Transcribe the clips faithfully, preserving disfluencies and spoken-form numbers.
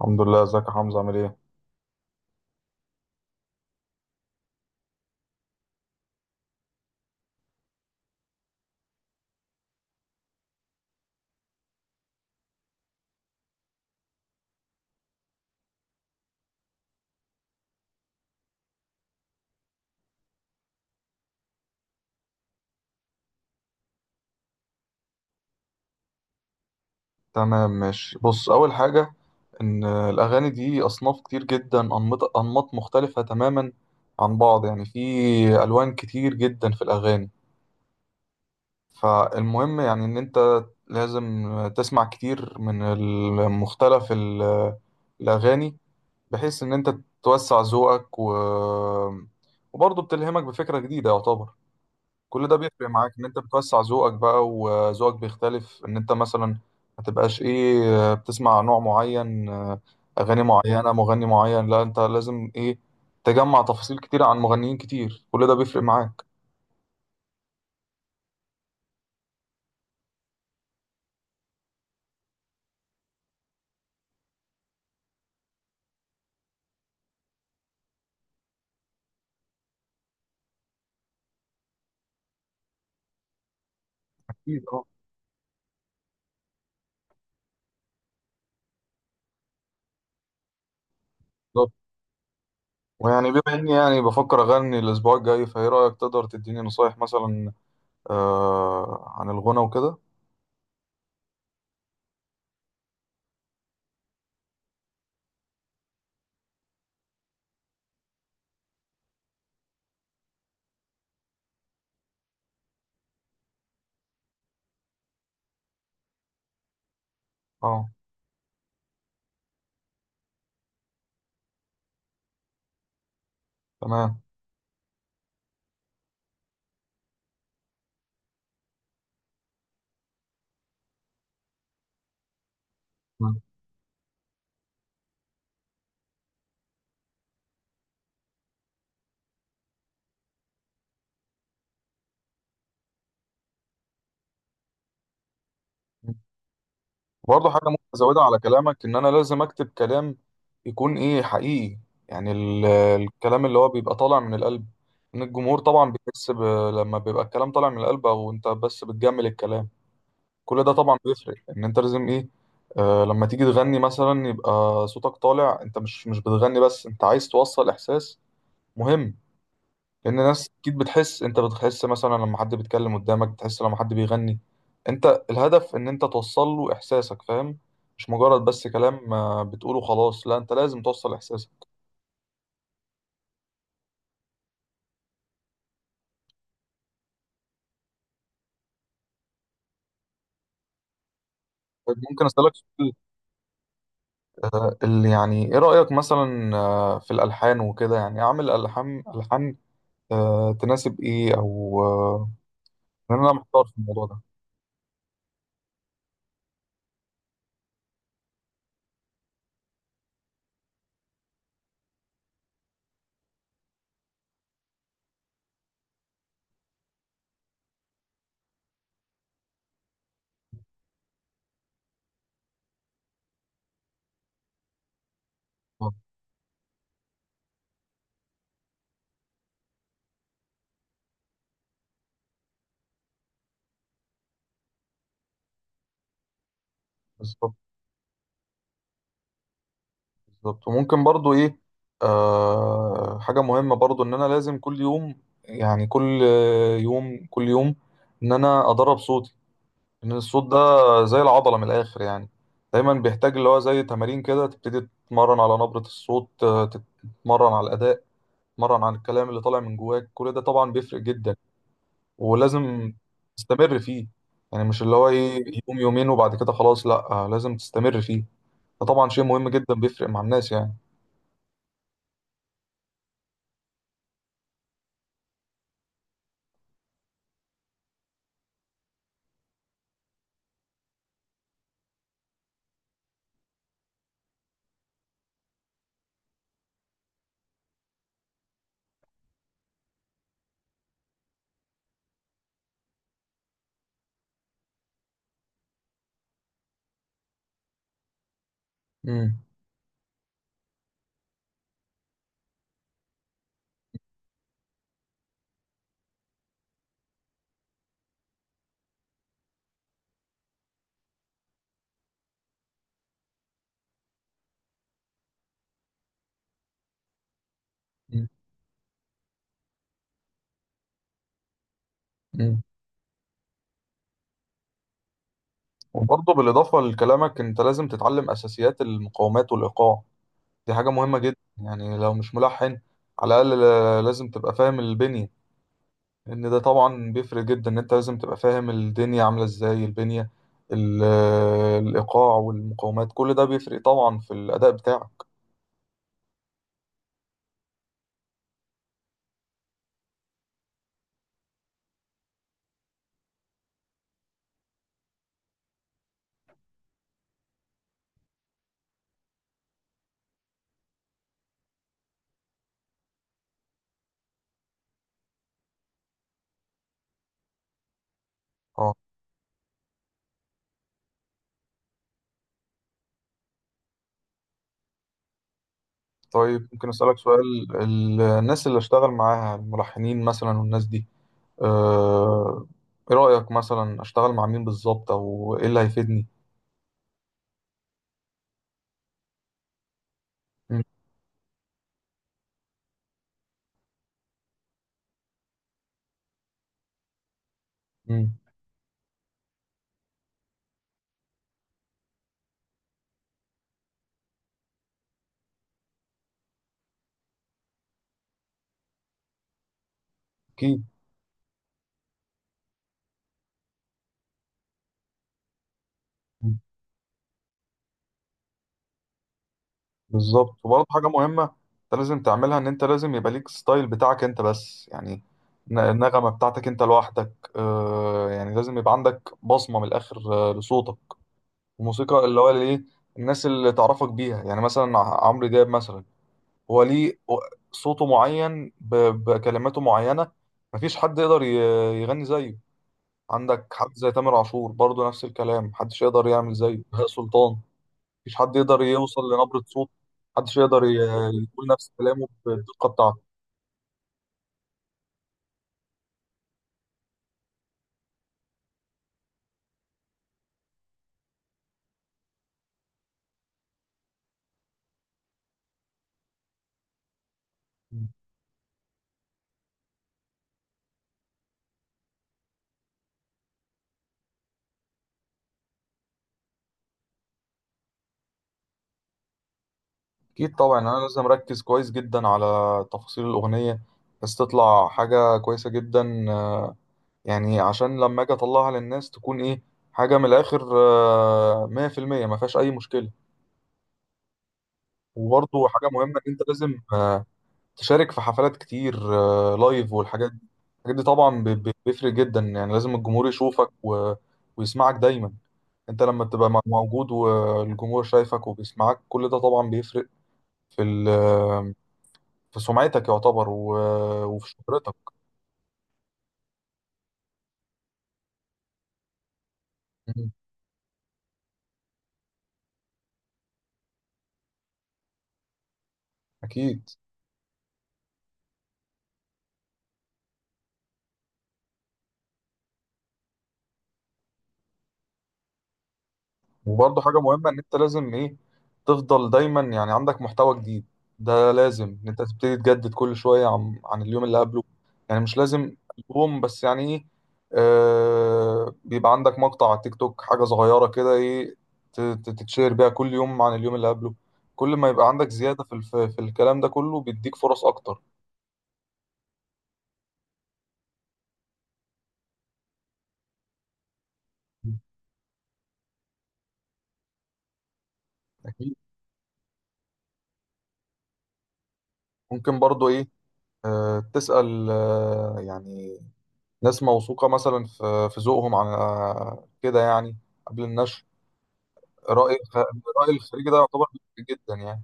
الحمد لله، ازيك يا حمزة؟ عامل ايه؟ تمام ماشي، بص. أول حاجة إن الأغاني دي أصناف كتير جدا، أنماط أنماط مختلفة تماما عن بعض، يعني في ألوان كتير جدا في الأغاني. فالمهم يعني إن أنت لازم تسمع كتير من المختلف ال- الأغاني، بحيث إن أنت توسع ذوقك و... وبرضه بتلهمك بفكرة جديدة يعتبر. كل ده بيفرق معاك ان انت بتوسع ذوقك بقى، وذوقك بيختلف ان انت مثلا ما تبقاش ايه بتسمع نوع معين، آه، اغاني معينة، مغني معين. لا، انت لازم ايه تجمع تفاصيل كتير عن مغنيين كتير، كل ده بيفرق معاك. أكيد أه. بالظبط. ويعني بما اني يعني بفكر اغني الاسبوع الجاي، فايه رايك تقدر تديني نصايح مثلا آه عن الغنى وكده؟ اه تمام. برضه حاجة ممكن أزودها على كلامك، إن أنا لازم أكتب كلام يكون إيه حقيقي، يعني ال- الكلام اللي هو بيبقى طالع من القلب. إن الجمهور طبعا بيحس ب... لما بيبقى الكلام طالع من القلب، أو أنت بس بتجمل الكلام، كل ده طبعا بيفرق. إن أنت لازم إيه آه لما تيجي تغني مثلا يبقى صوتك طالع، أنت مش مش بتغني بس، أنت عايز توصل إحساس مهم. لان الناس اكيد بتحس، انت بتحس مثلا لما حد بيتكلم قدامك، بتحس لما حد بيغني. انت الهدف ان انت توصل له احساسك، فاهم؟ مش مجرد بس كلام آه، بتقوله خلاص، لا انت لازم توصل احساسك. طيب ممكن اسالك سؤال؟ آه، اللي يعني ايه رايك مثلا آه، في الالحان وكده؟ يعني اعمل الحان الحان آه، تناسب ايه، او آه، لأن انا محتار في الموضوع ده آه، بالظبط. بالظبط. وممكن برضو ايه آه حاجة مهمة برضو، ان انا لازم كل يوم، يعني كل يوم كل يوم، ان انا ادرب صوتي. ان الصوت ده زي العضلة من الاخر يعني، دايما بيحتاج اللي هو زي تمارين كده، تبتدي تتمرن على نبرة الصوت، آه، تتمرن على الاداء، تتمرن على الكلام اللي طالع من جواك، كل ده طبعا بيفرق جدا. ولازم تستمر فيه، يعني مش اللي هو ايه يوم يومين وبعد كده خلاص، لا، آه، لازم تستمر فيه. ده طبعا شيء مهم جدا بيفرق مع الناس يعني. مم. مم. وبرضه بالإضافة لكلامك، أنت لازم تتعلم أساسيات المقاومات والإيقاع، دي حاجة مهمة جدا يعني لو مش ملحن، على الأقل ل- لازم تبقى فاهم البنية. إن ده طبعا بيفرق جدا، إن أنت لازم تبقى فاهم الدنيا عاملة إزاي، البنية، ال- الإيقاع والمقاومات، كل ده بيفرق طبعا في الأداء بتاعك. أه. طيب ممكن أسألك سؤال؟ ال- الناس اللي أشتغل معاها، الملحنين مثلا والناس دي، آه، إيه رأيك مثلا أشتغل مع مين بالظبط، أو إيه اللي هيفيدني؟ مم. اكيد. بالظبط. وبرضه حاجه مهمه انت لازم تعملها، ان انت لازم يبقى ليك ستايل بتاعك انت بس، يعني ن- النغمه بتاعتك انت لوحدك، آه يعني لازم يبقى عندك بصمه من الاخر آه لصوتك، الموسيقى اللي هو الايه الناس اللي تعرفك بيها. يعني مثلا ع- عمرو دياب مثلا، هو ليه و- صوته معين ب- بكلماته معينه، مفيش حد يقدر ي- يغني زيه. عندك حد زي تامر عاشور، برضه نفس الكلام، محدش يقدر يعمل زيه. بهاء سلطان مفيش حد يقدر يوصل لنبرة صوت، محدش يقدر ي- يقول نفس كلامه بالدقة بتاعته. أكيد طبعا أنا لازم أركز كويس جدا على تفاصيل الأغنية، بس تطلع حاجة كويسة جدا، آه، يعني عشان لما أجي أطلعها للناس تكون إيه حاجة من الآخر، آه، مية في المية مفيهاش أي مشكلة. وبرضه حاجة مهمة إن أنت لازم آه، تشارك في حفلات كتير، آه، لايف والحاجات دي. الحاجات دي طبعا ب- ب- بيفرق جدا، يعني لازم الجمهور يشوفك و... ويسمعك دايما. انت لما تبقى م- موجود، والجمهور شايفك وبيسمعك، كل ده طبعا بيفرق في ال... في سمعتك يعتبر، و... وفي شهرتك. مم. اكيد. وبرضه حاجة مهمة إن أنت لازم إيه تفضل دايما يعني عندك محتوى جديد، ده لازم إن أنت تبتدي تجدد كل شوية عن عن اليوم اللي قبله. يعني مش لازم ألبوم بس، يعني إيه آه بيبقى عندك مقطع على التيك توك، حاجة صغيرة كده إيه ت- ت- تتشير بيها كل يوم عن اليوم اللي قبله. كل ما يبقى عندك زيادة في الف- في الكلام ده كله بيديك فرص أكتر. أكيد. ممكن برضه إيه آه تسأل، آه يعني ناس موثوقة مثلا في في ذوقهم عن آه، كده يعني، قبل النشر، رأي الخ- الرأي الخارجي ده يعتبر مهم جدا يعني.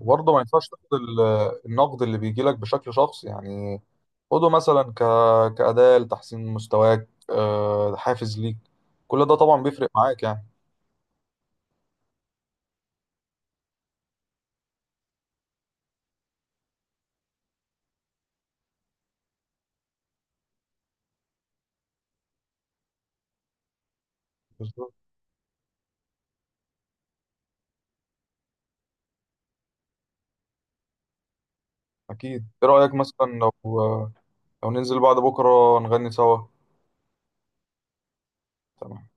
وبرضه ما ينفعش تاخد ال- النقد اللي بيجي لك بشكل شخصي، يعني خده مثلا ك... كأداة لتحسين مستواك، آه، حافز ليك، كل ده طبعا بيفرق معاك يعني. بالظبط. أكيد إيه رأيك مثلا لو لو ننزل بعد بكرة نغني سوا؟ تمام.